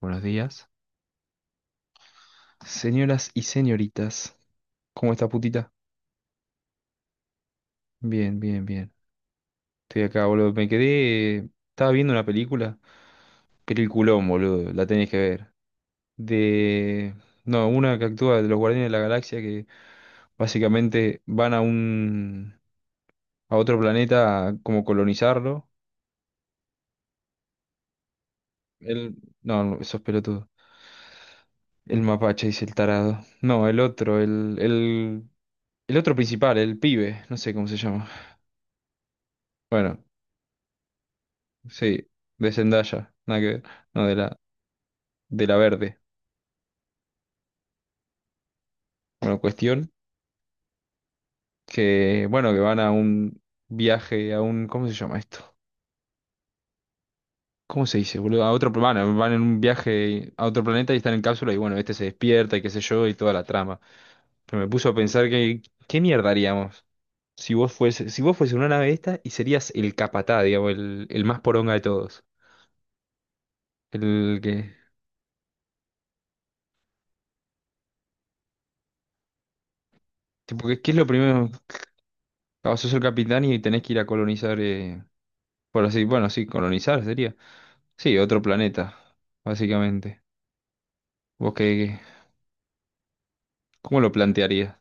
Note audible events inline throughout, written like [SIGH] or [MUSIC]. Buenos días. Señoras y señoritas, ¿cómo está putita? Bien, bien, bien. Estoy acá, boludo. Me quedé. Estaba viendo una película. Peliculón, boludo. La tenés que ver. De. No, una que actúa de los Guardianes de la Galaxia que básicamente van a un. A otro planeta a como colonizarlo. El... No, no, esos pelotudos. El mapache, dice el tarado. No, el otro, el. El otro principal, el pibe. No sé cómo se llama. Bueno. Sí, de Zendaya, nada que ver, no, de la verde. Bueno, cuestión que, bueno, que van a un viaje, a un, ¿cómo se llama esto? ¿Cómo se dice, boludo? A otro planeta, van en un viaje a otro planeta y están en cápsula y bueno, este se despierta y qué sé yo y toda la trama. Pero me puso a pensar que, ¿qué mierda haríamos? Si vos fuese, si vos fuese una nave esta y serías el capatá, digamos, el más poronga de todos. El que, tipo, ¿ qué es lo primero? Ah, sos el capitán y tenés que ir a colonizar, por así, bueno, sí, colonizar sería. Sí, otro planeta, básicamente. ¿Vos qué, cómo lo plantearías?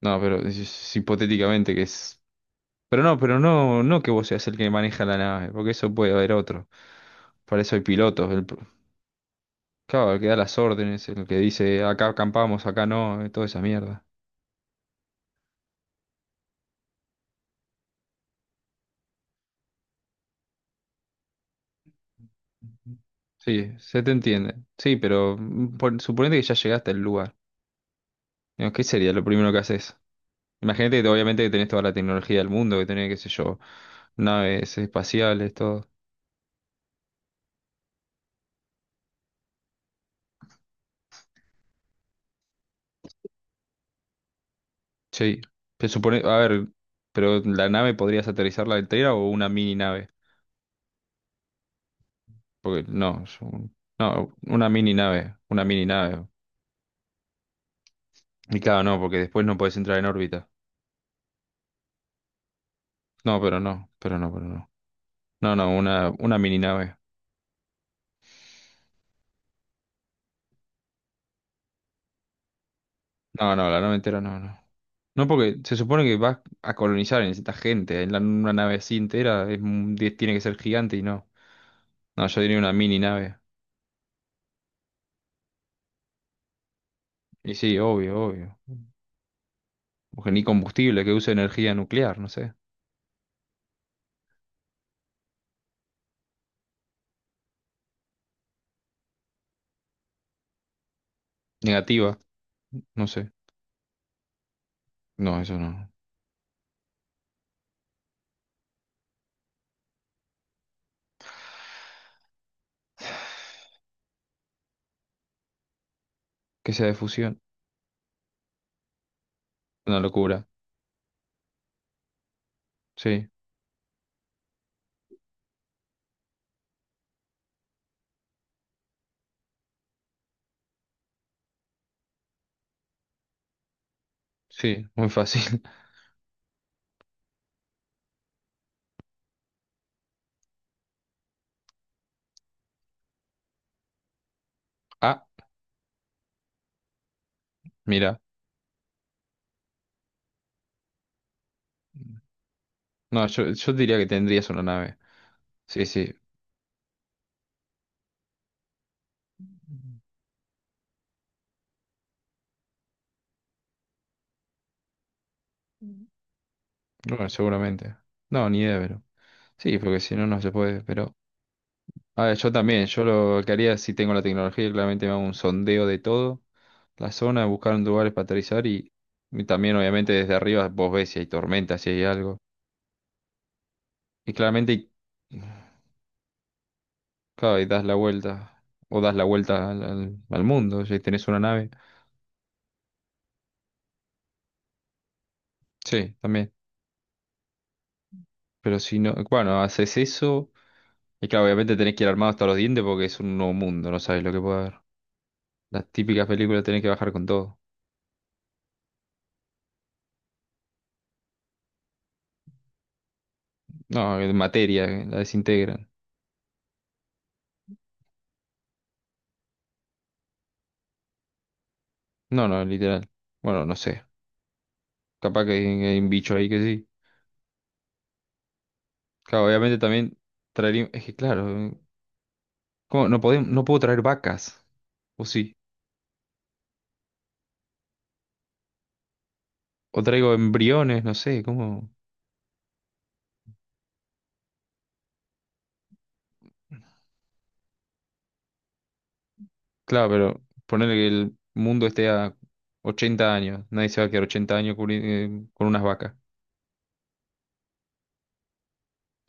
No, pero es hipotéticamente que es... pero no, no que vos seas el que maneja la nave, porque eso puede haber otro. Para eso hay pilotos, el, claro, el que da las órdenes, el que dice acá acampamos, acá no, toda esa mierda. Ujú. Sí, se te entiende. Sí, pero suponete que ya llegaste al lugar. Digo, ¿qué sería lo primero que haces? Imagínate que obviamente que tenés toda la tecnología del mundo, que tenés, qué sé yo, naves espaciales, todo. Sí, se supone, a ver, pero la nave podrías aterrizarla entera o una mini nave, porque no, es no, una mini nave, una mini nave. Y claro, no, porque después no podés entrar en órbita. No, pero no, pero no, pero no. No, no, una mini nave. No, no, la nave entera no, no. No, porque se supone que vas a colonizar, necesitas gente. Una nave así entera es, tiene que ser gigante y no. No, yo diría una mini nave. Y sí, obvio, obvio. Porque ni combustible, que use energía nuclear, no sé. Negativa, no sé. No, eso no. Que sea de fusión. Una locura. Sí, sí, muy fácil. [LAUGHS] Ah, mira. No, yo diría que tendrías una nave. Sí, sí. Bueno, seguramente. No, ni idea, pero. Sí, porque si no, no se puede. Pero. A ver, yo también. Yo lo que haría si tengo la tecnología, claramente me hago un sondeo de todo. La zona, buscar lugares para aterrizar y también, obviamente, desde arriba vos ves si hay tormenta, si hay algo. Y claramente. Claro, y das la vuelta. O das la vuelta al mundo, si tenés una nave. Sí, también. Pero si no, bueno, haces eso. Y claro, obviamente tenés que ir armado hasta los dientes porque es un nuevo mundo, no sabes lo que puede haber. Las típicas películas tenés que bajar con todo. No, en materia, la desintegran. No, no, literal. Bueno, no sé. Capaz que hay un bicho ahí que sí. Claro, obviamente también traería. Es que claro, ¿cómo? No podemos, no puedo traer vacas. O sí. O traigo embriones, no sé, ¿cómo? Claro, pero ponerle que el mundo esté a 80 años. Nadie se va a quedar 80 años con unas vacas. [LAUGHS]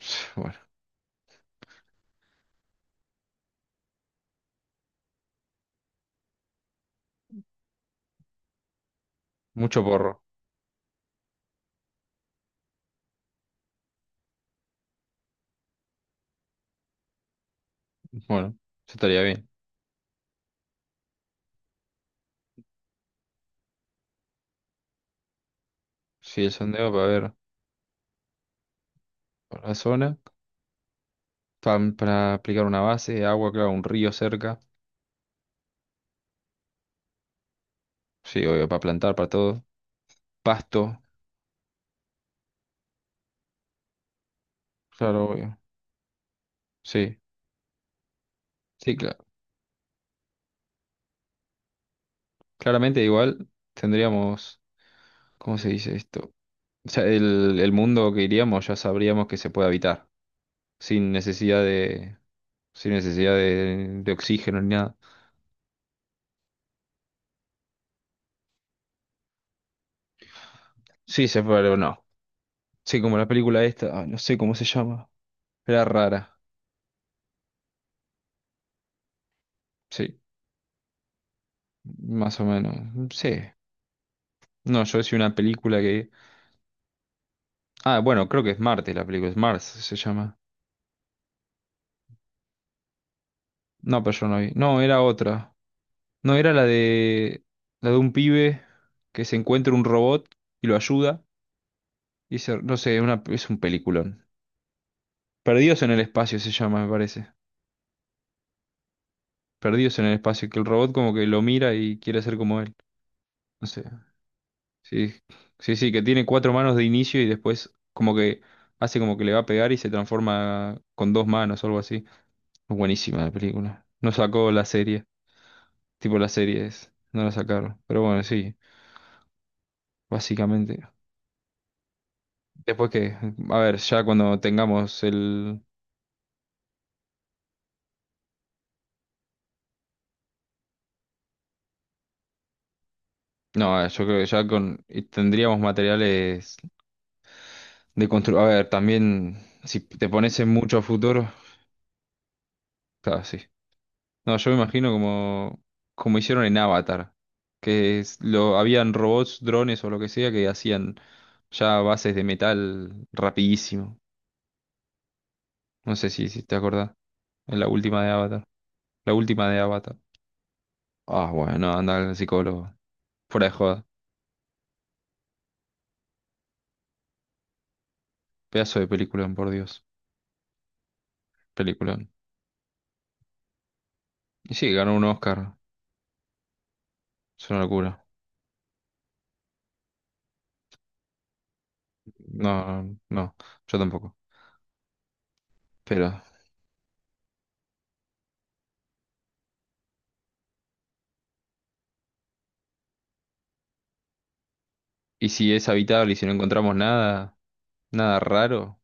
[SIGHS] Bueno, mucho porro. Bueno, eso estaría bien. Sí, el sondeo para ver la zona. Pa para aplicar una base, agua, claro, un río cerca. Sí, obvio, para plantar, para todo. Pasto, claro, obvio. Sí, sí, claro. Claramente igual tendríamos, ¿cómo se dice esto? O sea, el mundo que iríamos ya sabríamos que se puede habitar, sin necesidad de sin necesidad de oxígeno ni nada. Sí, se fue, pero no. Sí, como la película esta, ay, no sé cómo se llama. Era rara, sí, más o menos. Sí. No, yo decía una película que... Ah, bueno, creo que es Marte la película, es Mars se llama. No, pero yo no vi. No, era otra. No, era la de... La de un pibe que se encuentra un robot y lo ayuda. Y no sé, una, es un peliculón. Perdidos en el Espacio se llama, me parece. Perdidos en el Espacio, que el robot como que lo mira y quiere ser como él. No sé. Sí, sí, sí, que tiene cuatro manos de inicio y después como que hace como que le va a pegar y se transforma con dos manos o algo así. Buenísima la película. No sacó la serie, tipo las series, no la sacaron. Pero bueno, sí, básicamente. Después que, a ver, ya cuando tengamos el... No, a ver, yo creo que ya con... y tendríamos materiales de construir... A ver, también si te pones en mucho a futuro, claro, sí. No, yo me imagino como, como hicieron en Avatar, que habían robots, drones o lo que sea que hacían ya bases de metal rapidísimo. No sé si, si te acordás. En la última de Avatar. La última de Avatar. Ah, bueno, no, anda al psicólogo. Fuera de joda. Pedazo de película por Dios. Película. Y sí, ganó un Oscar. Es una locura. No, no, no, yo tampoco. Pero, ¿y si es habitable y si no encontramos nada, nada raro?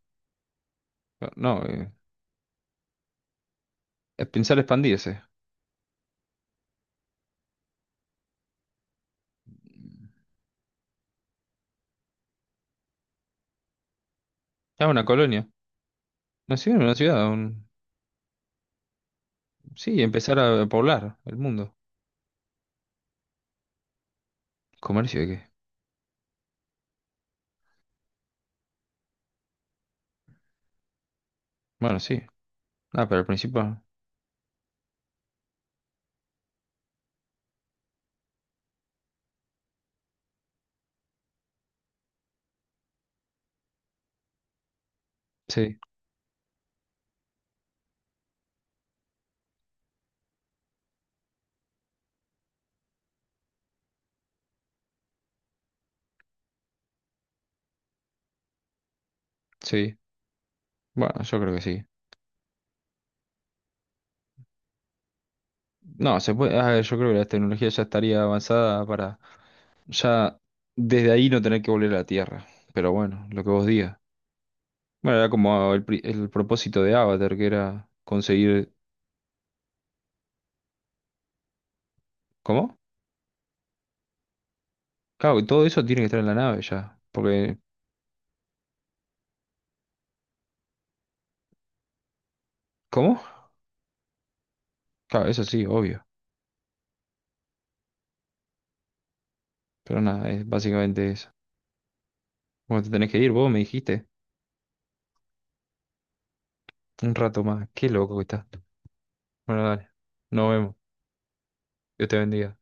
No, es pensar expandirse. Ah, una colonia. Nació en una ciudad. Un. Sí, empezar a poblar el mundo. ¿Comercio de qué? Bueno, sí. Ah, pero al principio. Sí, sí. Bueno, yo creo que sí. No, se puede. Ah, yo creo que la tecnología ya estaría avanzada para ya desde ahí no tener que volver a la Tierra. Pero bueno, lo que vos digas. Bueno, era como el, el propósito de Avatar, que era conseguir. ¿Cómo? Claro, y todo eso tiene que estar en la nave ya. Porque. ¿Cómo? Claro, eso sí, obvio. Pero nada, es básicamente eso. Bueno, te tenés que ir, vos me dijiste. Un rato más. Qué loco que estás. Bueno, dale. Nos vemos. Dios te bendiga.